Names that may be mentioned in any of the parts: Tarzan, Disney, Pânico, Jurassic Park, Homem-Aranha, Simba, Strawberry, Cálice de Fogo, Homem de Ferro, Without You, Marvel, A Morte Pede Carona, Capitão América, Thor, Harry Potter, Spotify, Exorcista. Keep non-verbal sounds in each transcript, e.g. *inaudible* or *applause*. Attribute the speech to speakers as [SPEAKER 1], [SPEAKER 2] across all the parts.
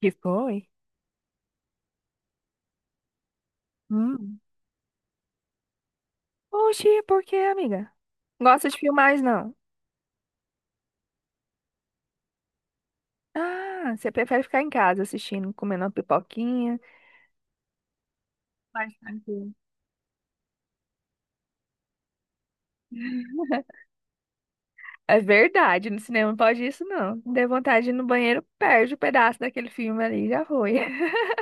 [SPEAKER 1] Que foi? Hum. Oxi, por quê, amiga? Gosta de filmar, não? Ah, você prefere ficar em casa assistindo, comendo uma pipoquinha, mais tranquilo. É verdade, no cinema não pode isso, não. Dê vontade de ir no banheiro, perde o pedaço daquele filme ali, já foi. *laughs*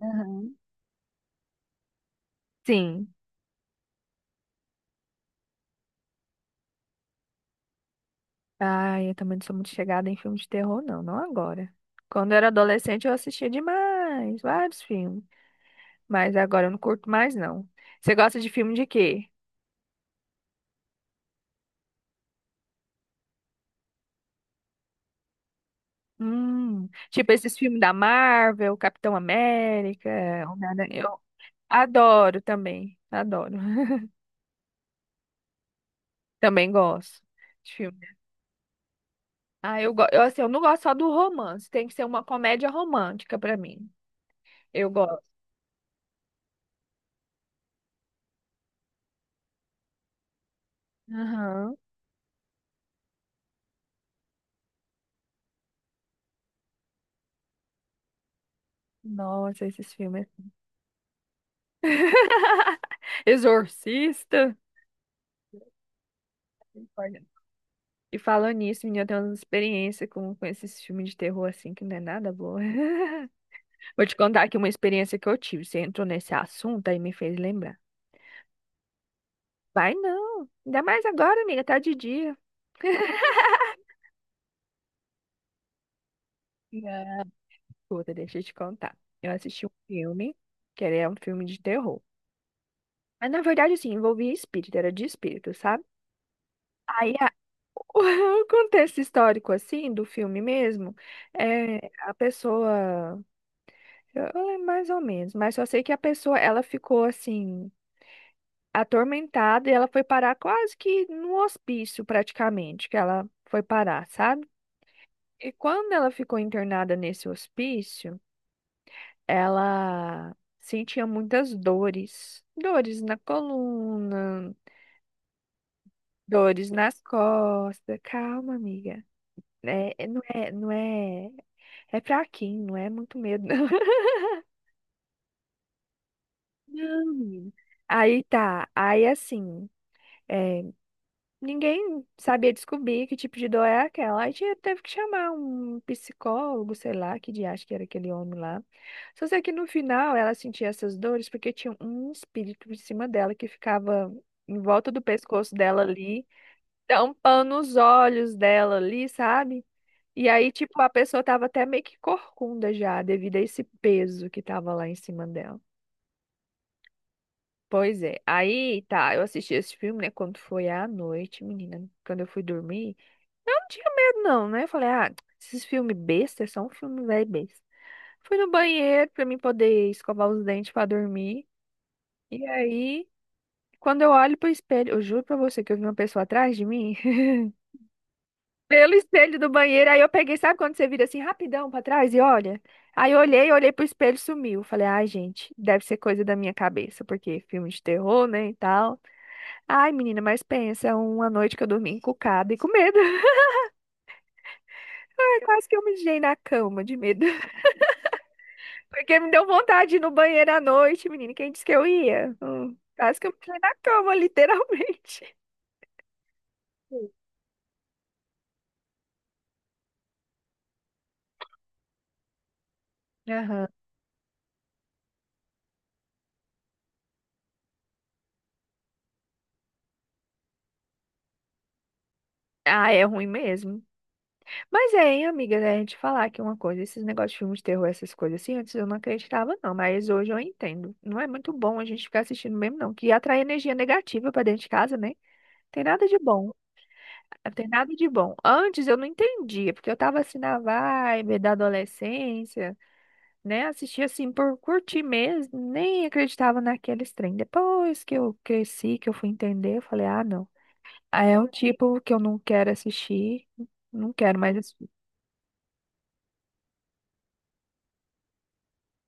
[SPEAKER 1] Aham. Sim. Ai, eu também não sou muito chegada em filme de terror, não, não agora. Quando eu era adolescente, eu assistia demais, vários filmes. Mas agora eu não curto mais, não. Você gosta de filme de quê? Tipo esses filmes da Marvel, Capitão América, Homem-Aranha, eu adoro também, adoro. *laughs* Também gosto de filme. Ah, eu, eu, assim, eu não gosto só do romance, tem que ser uma comédia romântica pra mim. Eu gosto. Aham. Nossa, esses filmes. *laughs* Exorcista. Misericórdia. E falando nisso, menina, eu tenho uma experiência com esses filmes de terror assim que não é nada boa. *laughs* Vou te contar aqui uma experiência que eu tive. Você entrou nesse assunto aí me fez lembrar. Vai não. Ainda mais agora, amiga, tá de dia. Ah, puta, deixa eu te contar. Eu assisti um filme, que ele é um filme de terror. Mas na verdade, assim, envolvia espírito, era de espírito, sabe? Aí a- *laughs* o contexto histórico, assim, do filme mesmo, é a pessoa. Eu lembro mais ou menos, mas só sei que a pessoa, ela ficou assim, atormentada e ela foi parar quase que no hospício, praticamente, que ela foi parar, sabe? E quando ela ficou internada nesse hospício. Ela sentia muitas dores, dores na coluna, dores nas costas. Calma, amiga. Não é, é fraquinho, não é muito medo, não. *laughs* Não, menina. Aí tá, aí assim, é, ninguém sabia descobrir que tipo de dor é aquela. Aí teve que chamar um psicólogo, sei lá, que diacho que era aquele homem lá. Só sei que no final ela sentia essas dores porque tinha um espírito em cima dela que ficava em volta do pescoço dela ali, tampando os olhos dela ali, sabe? E aí, tipo, a pessoa tava até meio que corcunda já, devido a esse peso que tava lá em cima dela. Pois é. Aí, tá, eu assisti esse filme, né, quando foi à noite, menina, quando eu fui dormir. Eu não tinha medo, não, né? Eu falei, ah, esses filmes besta, é só um filme velho besta. Fui no banheiro pra mim poder escovar os dentes pra dormir. E aí, quando eu olho pro espelho, eu juro pra você que eu vi uma pessoa atrás de mim, *laughs* pelo espelho do banheiro. Aí eu peguei, sabe quando você vira assim rapidão pra trás e olha? Aí eu olhei pro espelho e sumiu. Falei, ai, gente, deve ser coisa da minha cabeça, porque filme de terror, né, e tal. Ai, menina, mas pensa, uma noite que eu dormi encucada e com medo. *laughs* Ai, quase que eu me mijei na cama de medo. Porque me deu vontade de ir no banheiro à noite, menina. Quem disse que eu ia? Quase que eu me caí na cama, *laughs* literalmente. Sim. Aham. Ah, é ruim mesmo. Mas é, hein, amiga, né? A gente falar aqui uma coisa, esses negócios de filmes de terror, essas coisas assim, antes eu não acreditava, não, mas hoje eu entendo. Não é muito bom a gente ficar assistindo mesmo, não, que atrai energia negativa pra dentro de casa, né? Tem nada de bom, tem nada de bom. Antes eu não entendia, porque eu tava assim na vibe da adolescência, né? Assistia assim por curtir mesmo, nem acreditava naqueles trem. Depois que eu cresci, que eu fui entender, eu falei, ah, não. Ah, é um tipo que eu não quero assistir, não quero mais assistir.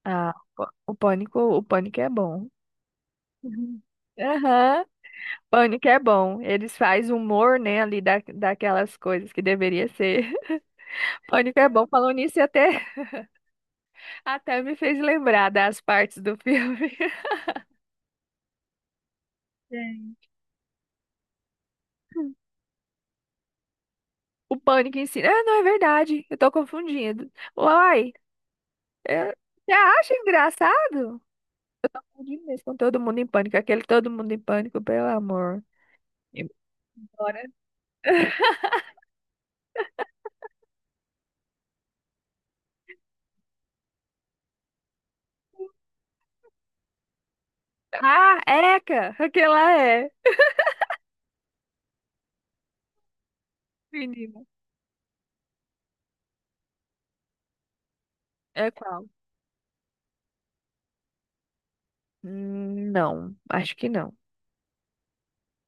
[SPEAKER 1] Ah, o Pânico, o Pânico é bom. Uhum. Aham, Pânico é bom. Eles fazem humor, né, ali daquelas coisas que deveria ser. *laughs* Pânico é bom. Falando nisso, até me fez lembrar das partes do filme. *laughs* Sim. O pânico em si. Ah, não, é verdade. Eu tô confundindo. Uai, é, você acha engraçado? Demais. Com todo mundo em pânico, aquele todo mundo em pânico, pelo amor. Embora. Ah, eca! Aquela é, menina. É qual? Não, acho que não.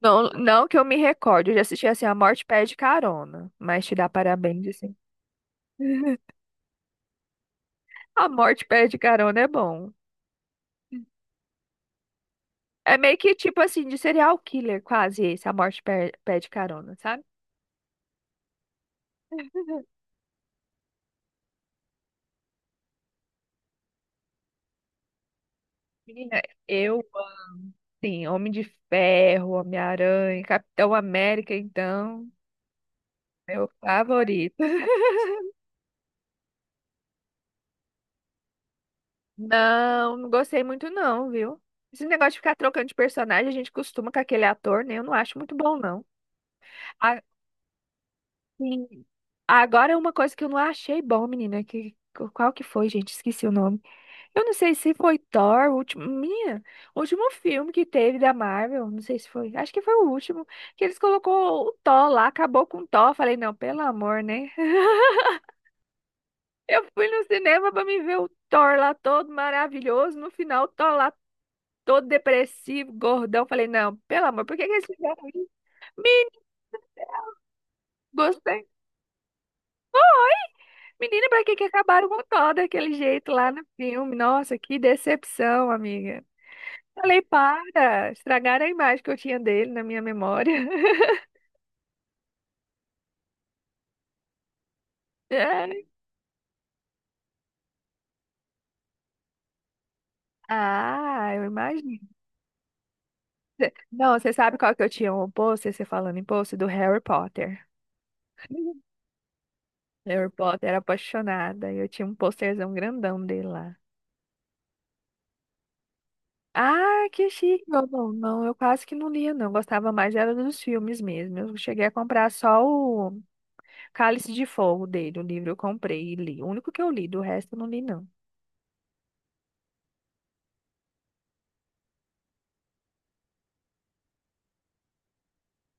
[SPEAKER 1] Não, não que eu me recorde, eu já assisti assim, A Morte Pede Carona, mas te dá parabéns, assim. A Morte Pede Carona é bom. É meio que tipo assim, de serial killer, quase esse, Pede Carona, sabe? *laughs* Uhum. Menina, eu sim, Homem de Ferro, Homem-Aranha, Capitão América, então, meu favorito. *laughs* Não, não gostei muito não, viu? Esse negócio de ficar trocando de personagem, a gente costuma com aquele ator, né? Eu não acho muito bom, não. A- sim, agora, uma coisa que eu não achei bom, menina, que, qual que foi, gente? Esqueci o nome. Eu não sei se foi Thor, o último, minha, o último filme que teve da Marvel, não sei se foi, acho que foi o último, que eles colocou o Thor lá, acabou com o Thor. Falei, não, pelo amor, né? Eu fui no cinema pra me ver o Thor lá todo maravilhoso. No final, o Thor lá todo depressivo, gordão. Falei, não, pelo amor, por que que eles fizeram isso? Me gostei. Menina, pra que que acabaram com o Thor daquele jeito lá no filme? Nossa, que decepção, amiga. Falei, para, estragaram a imagem que eu tinha dele na minha memória. *laughs* Ai. Ah, eu imagino. Não, você sabe qual que eu tinha? O pôster, você falando em pôster, do Harry Potter. Harry Potter era apaixonada. E eu tinha um posterzão grandão dele lá. Ah, que chique! Eu não, eu quase que não lia, não. Eu gostava mais era dos filmes mesmo. Eu cheguei a comprar só o Cálice de Fogo dele, o livro eu comprei e li. O único que eu li, do resto eu não li, não.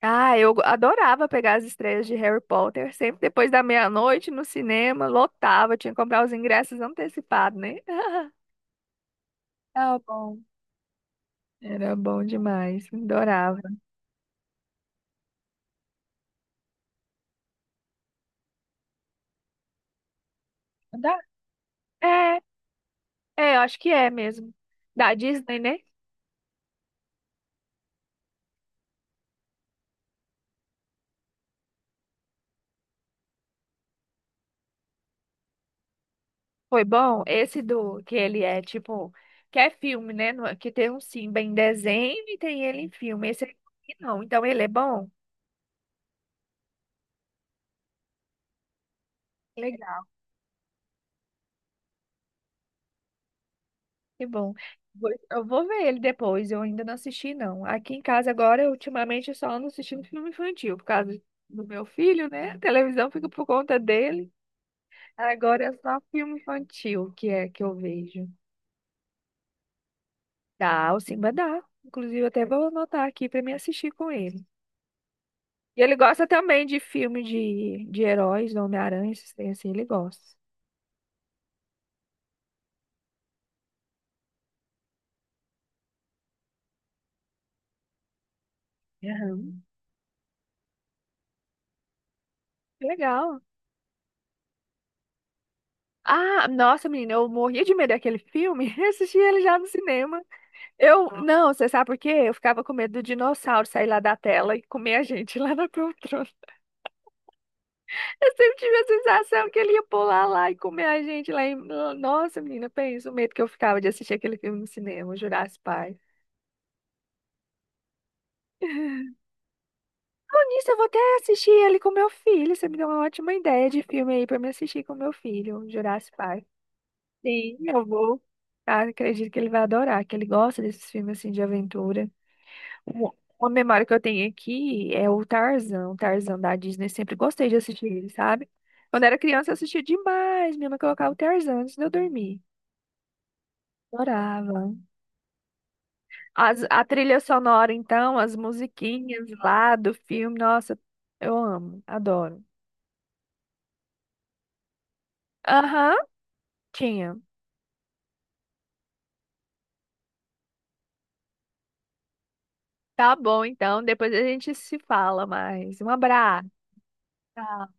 [SPEAKER 1] Ah, eu adorava pegar as estreias de Harry Potter, sempre depois da meia-noite no cinema, lotava, tinha que comprar os ingressos antecipados, né? *laughs* Era bom. Era bom demais, adorava. Dá? É, é, eu acho que é mesmo. Da Disney, né? Foi bom. Esse do que ele é tipo, que é filme, né? Que tem um Simba em desenho e tem ele em filme. Esse aqui não. Então ele é bom? Legal, que bom. Eu vou ver ele depois. Eu ainda não assisti, não. Aqui em casa agora, eu, ultimamente, eu só ando assistindo filme infantil por causa do meu filho, né? A televisão fica por conta dele. Agora é só filme infantil que é que eu vejo. Dá, o Simba dá. Inclusive, eu até vou anotar aqui pra me assistir com ele. E ele gosta também de filme de heróis, do Homem-Aranha, esses tem assim, ele gosta. Aham. Que legal. Ah, nossa, menina, eu morria de medo daquele filme. *laughs* Eu assisti ele já no cinema. Eu, não, você sabe por quê? Eu ficava com medo do dinossauro sair lá da tela e comer a gente lá na poltrona. *laughs* Eu sempre tive a sensação que ele ia pular lá e comer a gente lá em... Nossa, menina, pensa o medo que eu ficava de assistir aquele filme no cinema, Jurassic Park. Isso, eu vou até assistir ele com meu filho. Você me deu uma ótima ideia de filme aí pra me assistir com meu filho, um Jurassic Park. Sim, eu vou. Ah, acredito que ele vai adorar, que ele gosta desses filmes assim de aventura. Um- Uma memória que eu tenho aqui é o Tarzan da Disney. Sempre gostei de assistir ele, sabe? Quando era criança, eu assistia demais. Minha mãe colocava o Tarzan antes de eu dormir. Adorava. A trilha sonora, então, as musiquinhas lá do filme, nossa, eu amo, adoro. Aham, tinha. Tá bom, então. Depois a gente se fala mais. Um abraço. Tchau.